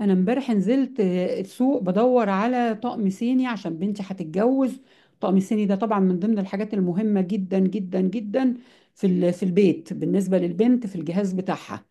انا امبارح نزلت السوق بدور على طقم صيني عشان بنتي هتتجوز. طقم صيني ده طبعا من ضمن الحاجات المهمة جدا جدا جدا في البيت بالنسبة للبنت في الجهاز بتاعها.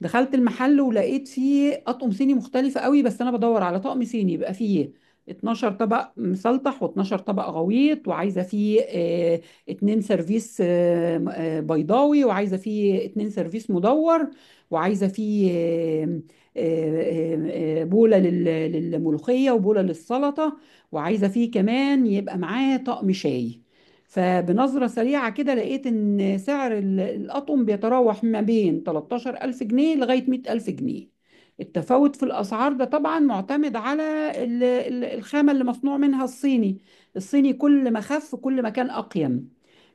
دخلت المحل ولقيت فيه اطقم صيني مختلفة قوي، بس انا بدور على طقم صيني يبقى فيه 12 طبق مسلطح و12 طبق غويط، وعايزة فيه اتنين سيرفيس بيضاوي، وعايزة فيه اتنين سيرفيس مدور، وعايزة فيه بولة للملوخية وبولة للسلطة، وعايزة فيه كمان يبقى معاه طقم شاي. فبنظرة سريعة كده لقيت إن سعر الأطقم بيتراوح ما بين 13 ألف جنيه لغاية 100 ألف جنيه. التفاوت في الأسعار ده طبعا معتمد على الخامة اللي مصنوع منها الصيني. الصيني كل ما خف كل ما كان أقيم.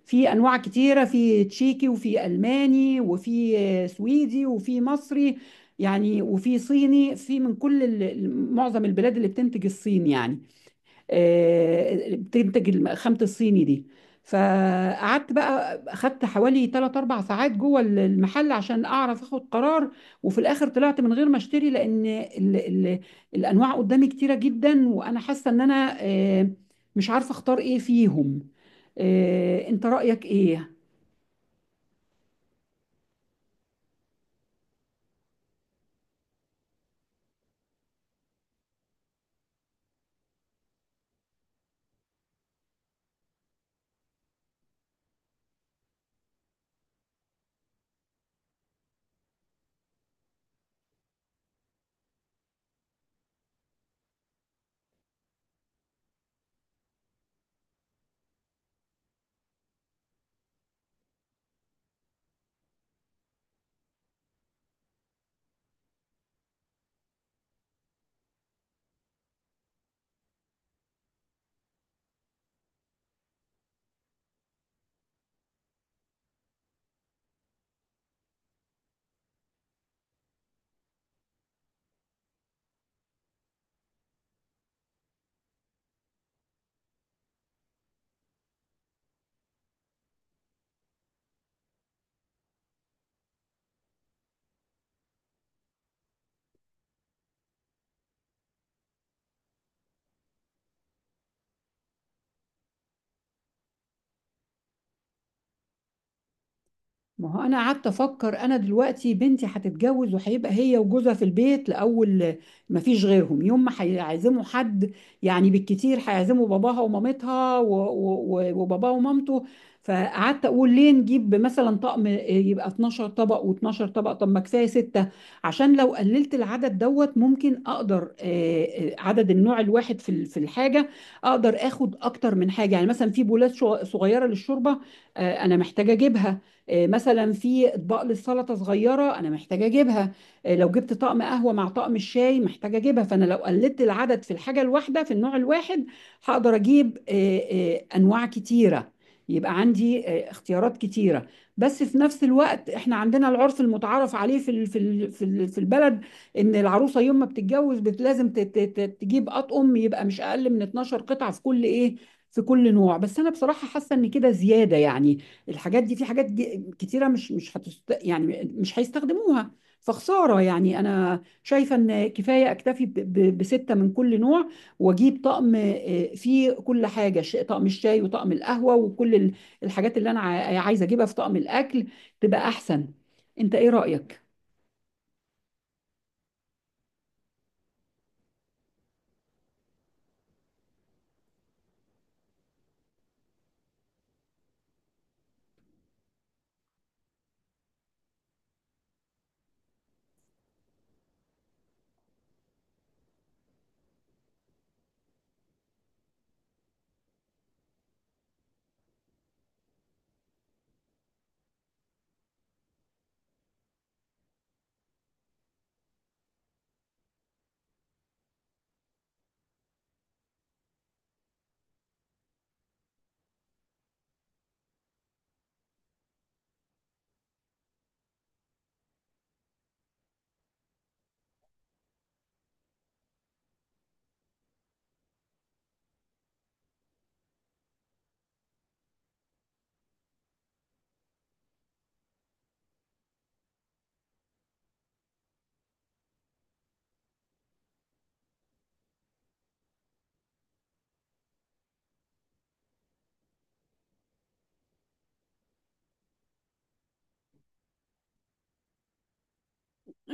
في أنواع كتيرة: في تشيكي، وفي ألماني، وفي سويدي، وفي مصري يعني، وفي صيني، في من كل معظم البلاد اللي بتنتج الصين يعني بتنتج خامة الصيني دي. فقعدت بقى اخدت حوالي 3 4 ساعات جوه المحل عشان اعرف اخد قرار. وفي الاخر طلعت من غير ما اشتري، لان ال ال الانواع قدامي كتيرة جدا، وانا حاسة ان انا مش عارفة اختار ايه فيهم. انت رأيك ايه؟ ما هو انا قعدت افكر: انا دلوقتي بنتي هتتجوز، وهيبقى هي وجوزها في البيت لاول ما فيش غيرهم. يوم ما هيعزموا حد، يعني بالكتير هيعزموا باباها ومامتها وباباها ومامته. فقعدت اقول: ليه نجيب مثلا طقم يبقى 12 طبق و12 طبق؟ طب ما كفايه ستة، عشان لو قللت العدد دوت ممكن اقدر عدد النوع الواحد في الحاجه، اقدر اخد اكتر من حاجه. يعني مثلا في بولات صغيره للشوربه، انا محتاجه اجيبها. مثلا في اطباق للسلطه صغيره انا محتاجه اجيبها. لو جبت طقم قهوه مع طقم الشاي محتاجه اجيبها. فانا لو قلدت العدد في الحاجه الواحده في النوع الواحد، هقدر اجيب انواع كتيره، يبقى عندي اختيارات كتيره. بس في نفس الوقت احنا عندنا العرف المتعارف عليه في البلد، ان العروسه يوم ما بتتجوز لازم تجيب اطقم يبقى مش اقل من 12 قطعه في كل ايه، في كل نوع. بس انا بصراحه حاسه ان كده زياده يعني. الحاجات دي في حاجات كتيرة مش مش هتست... يعني مش هيستخدموها، فخسارة يعني. أنا شايفة إن كفاية أكتفي بستة من كل نوع، وأجيب طقم فيه كل حاجة: طقم الشاي، وطقم القهوة، وكل الحاجات اللي أنا عايزة أجيبها في طقم الأكل، تبقى أحسن. أنت إيه رأيك؟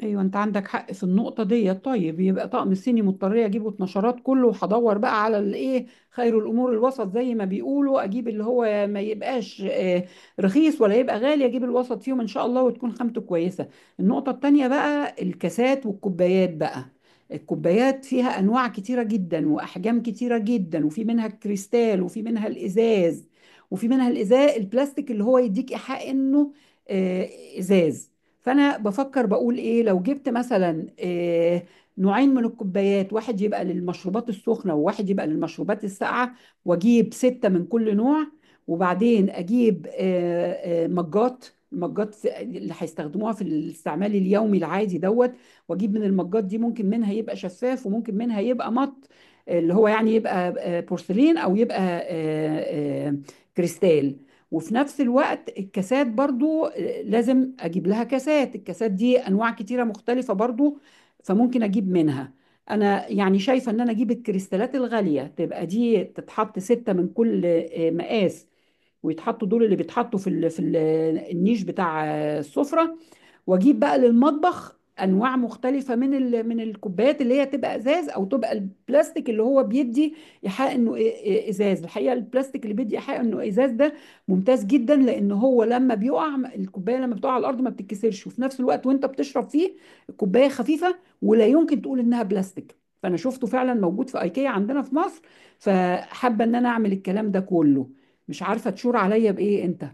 ايوه، انت عندك حق في النقطه دي. طيب يبقى طقم الصيني مضطر اجيبه اتنشرات كله، وهدور بقى على الايه. خير الامور الوسط، زي ما بيقولوا، اجيب اللي هو ما يبقاش رخيص ولا يبقى غالي، اجيب الوسط فيهم ان شاء الله، وتكون خامته كويسه. النقطه التانيه بقى: الكاسات والكوبايات بقى. الكوبايات فيها انواع كتيره جدا واحجام كتيره جدا، وفي منها الكريستال، وفي منها الازاز، وفي منها الازاز البلاستيك اللي هو يديك ايحاء انه آه، ازاز. فانا بفكر بقول ايه: لو جبت مثلا نوعين من الكوبايات، واحد يبقى للمشروبات السخنه، وواحد يبقى للمشروبات الساقعه، واجيب سته من كل نوع. وبعدين اجيب مجات، المجات اللي هيستخدموها في الاستعمال اليومي العادي دوت. واجيب من المجات دي ممكن منها يبقى شفاف، وممكن منها يبقى مط، اللي هو يعني يبقى بورسلين، او يبقى كريستال. وفي نفس الوقت الكاسات برضو لازم اجيب لها كاسات. الكاسات دي انواع كتيرة مختلفة برضو، فممكن اجيب منها. انا يعني شايفة ان انا اجيب الكريستالات الغالية، تبقى دي تتحط ستة من كل مقاس، ويتحطوا دول اللي بيتحطوا النيش بتاع السفرة. واجيب بقى للمطبخ انواع مختلفه من الكوبايات، اللي هي تبقى ازاز، او تبقى البلاستيك اللي هو بيدي ايحاء انه ازاز. الحقيقه البلاستيك اللي بيدي ايحاء انه ازاز ده ممتاز جدا، لان هو لما بيقع الكوبايه، لما بتقع على الارض، ما بتتكسرش، وفي نفس الوقت وانت بتشرب فيه الكوبايه خفيفه، ولا يمكن تقول انها بلاستيك. فانا شفته فعلا موجود في ايكيا عندنا في مصر، فحابه ان انا اعمل الكلام ده كله. مش عارفه تشور عليا بايه انت؟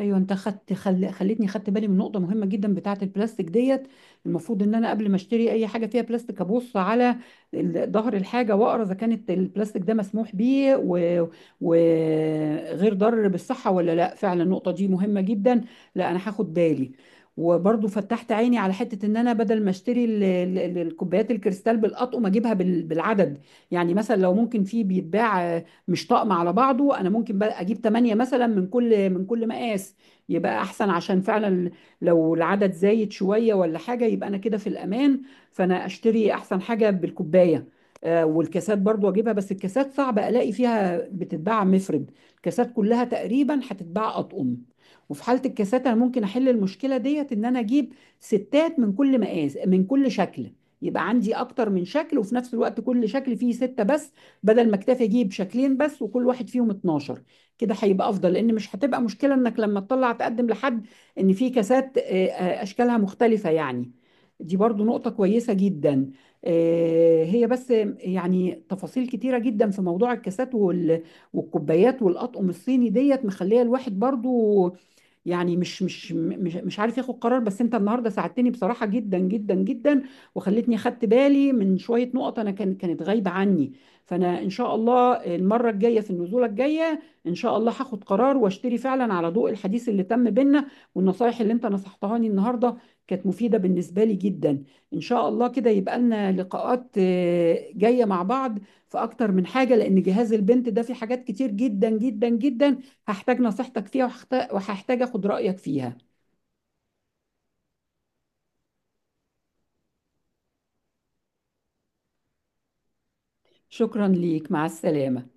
ايوه، انت خدت خلتني خدت بالي من نقطه مهمه جدا بتاعه البلاستيك ديت. المفروض ان انا قبل ما اشتري اي حاجه فيها بلاستيك ابص على ظهر الحاجه، واقرا اذا كانت البلاستيك ده مسموح بيه وغير وغير ضار بالصحه ولا لا. فعلا النقطه دي مهمه جدا. لا، انا هاخد بالي. وبرضو فتحت عيني على حته: ان انا بدل ما اشتري الكوبايات الكريستال بالاطقم، اجيبها بالعدد. يعني مثلا لو ممكن في بيتباع مش طقم على بعضه، انا ممكن بقى اجيب 8 مثلا من كل مقاس، يبقى احسن. عشان فعلا لو العدد زايد شوية ولا حاجة، يبقى انا كده في الامان. فانا اشتري احسن حاجة بالكوباية. والكاسات برضو اجيبها، بس الكاسات صعب الاقي فيها بتتباع مفرد، الكاسات كلها تقريبا هتتباع اطقم. وفي حالة الكاسات انا ممكن احل المشكلة ديت: ان انا اجيب ستات من كل مقاس، من كل شكل، يبقى عندي اكتر من شكل، وفي نفس الوقت كل شكل فيه ستة بس، بدل ما اكتفي اجيب شكلين بس وكل واحد فيهم 12. كده هيبقى افضل، لان مش هتبقى مشكله انك لما تطلع تقدم لحد ان في كاسات اشكالها مختلفه يعني. دي برضو نقطه كويسه جدا. هي بس يعني تفاصيل كتيره جدا في موضوع الكاسات والكوبايات والاطقم الصيني ديت، مخليه الواحد برضو يعني مش عارف ياخد قرار. بس انت النهارده ساعدتني بصراحه جدا جدا جدا، وخلتني خدت بالي من شويه نقط انا كانت غايبه عني. فانا ان شاء الله المره الجايه، في النزوله الجايه ان شاء الله هاخد قرار، واشتري فعلا على ضوء الحديث اللي تم بينا والنصايح اللي انت نصحتهاني النهارده، كانت مفيده بالنسبه لي جدا. ان شاء الله كده يبقى لنا لقاءات جايه مع بعض في اكتر من حاجه، لان جهاز البنت ده في حاجات كتير جدا جدا جدا هحتاج نصيحتك فيها، وهحتاج اخد رأيك فيها. شكرا ليك، مع السلامة.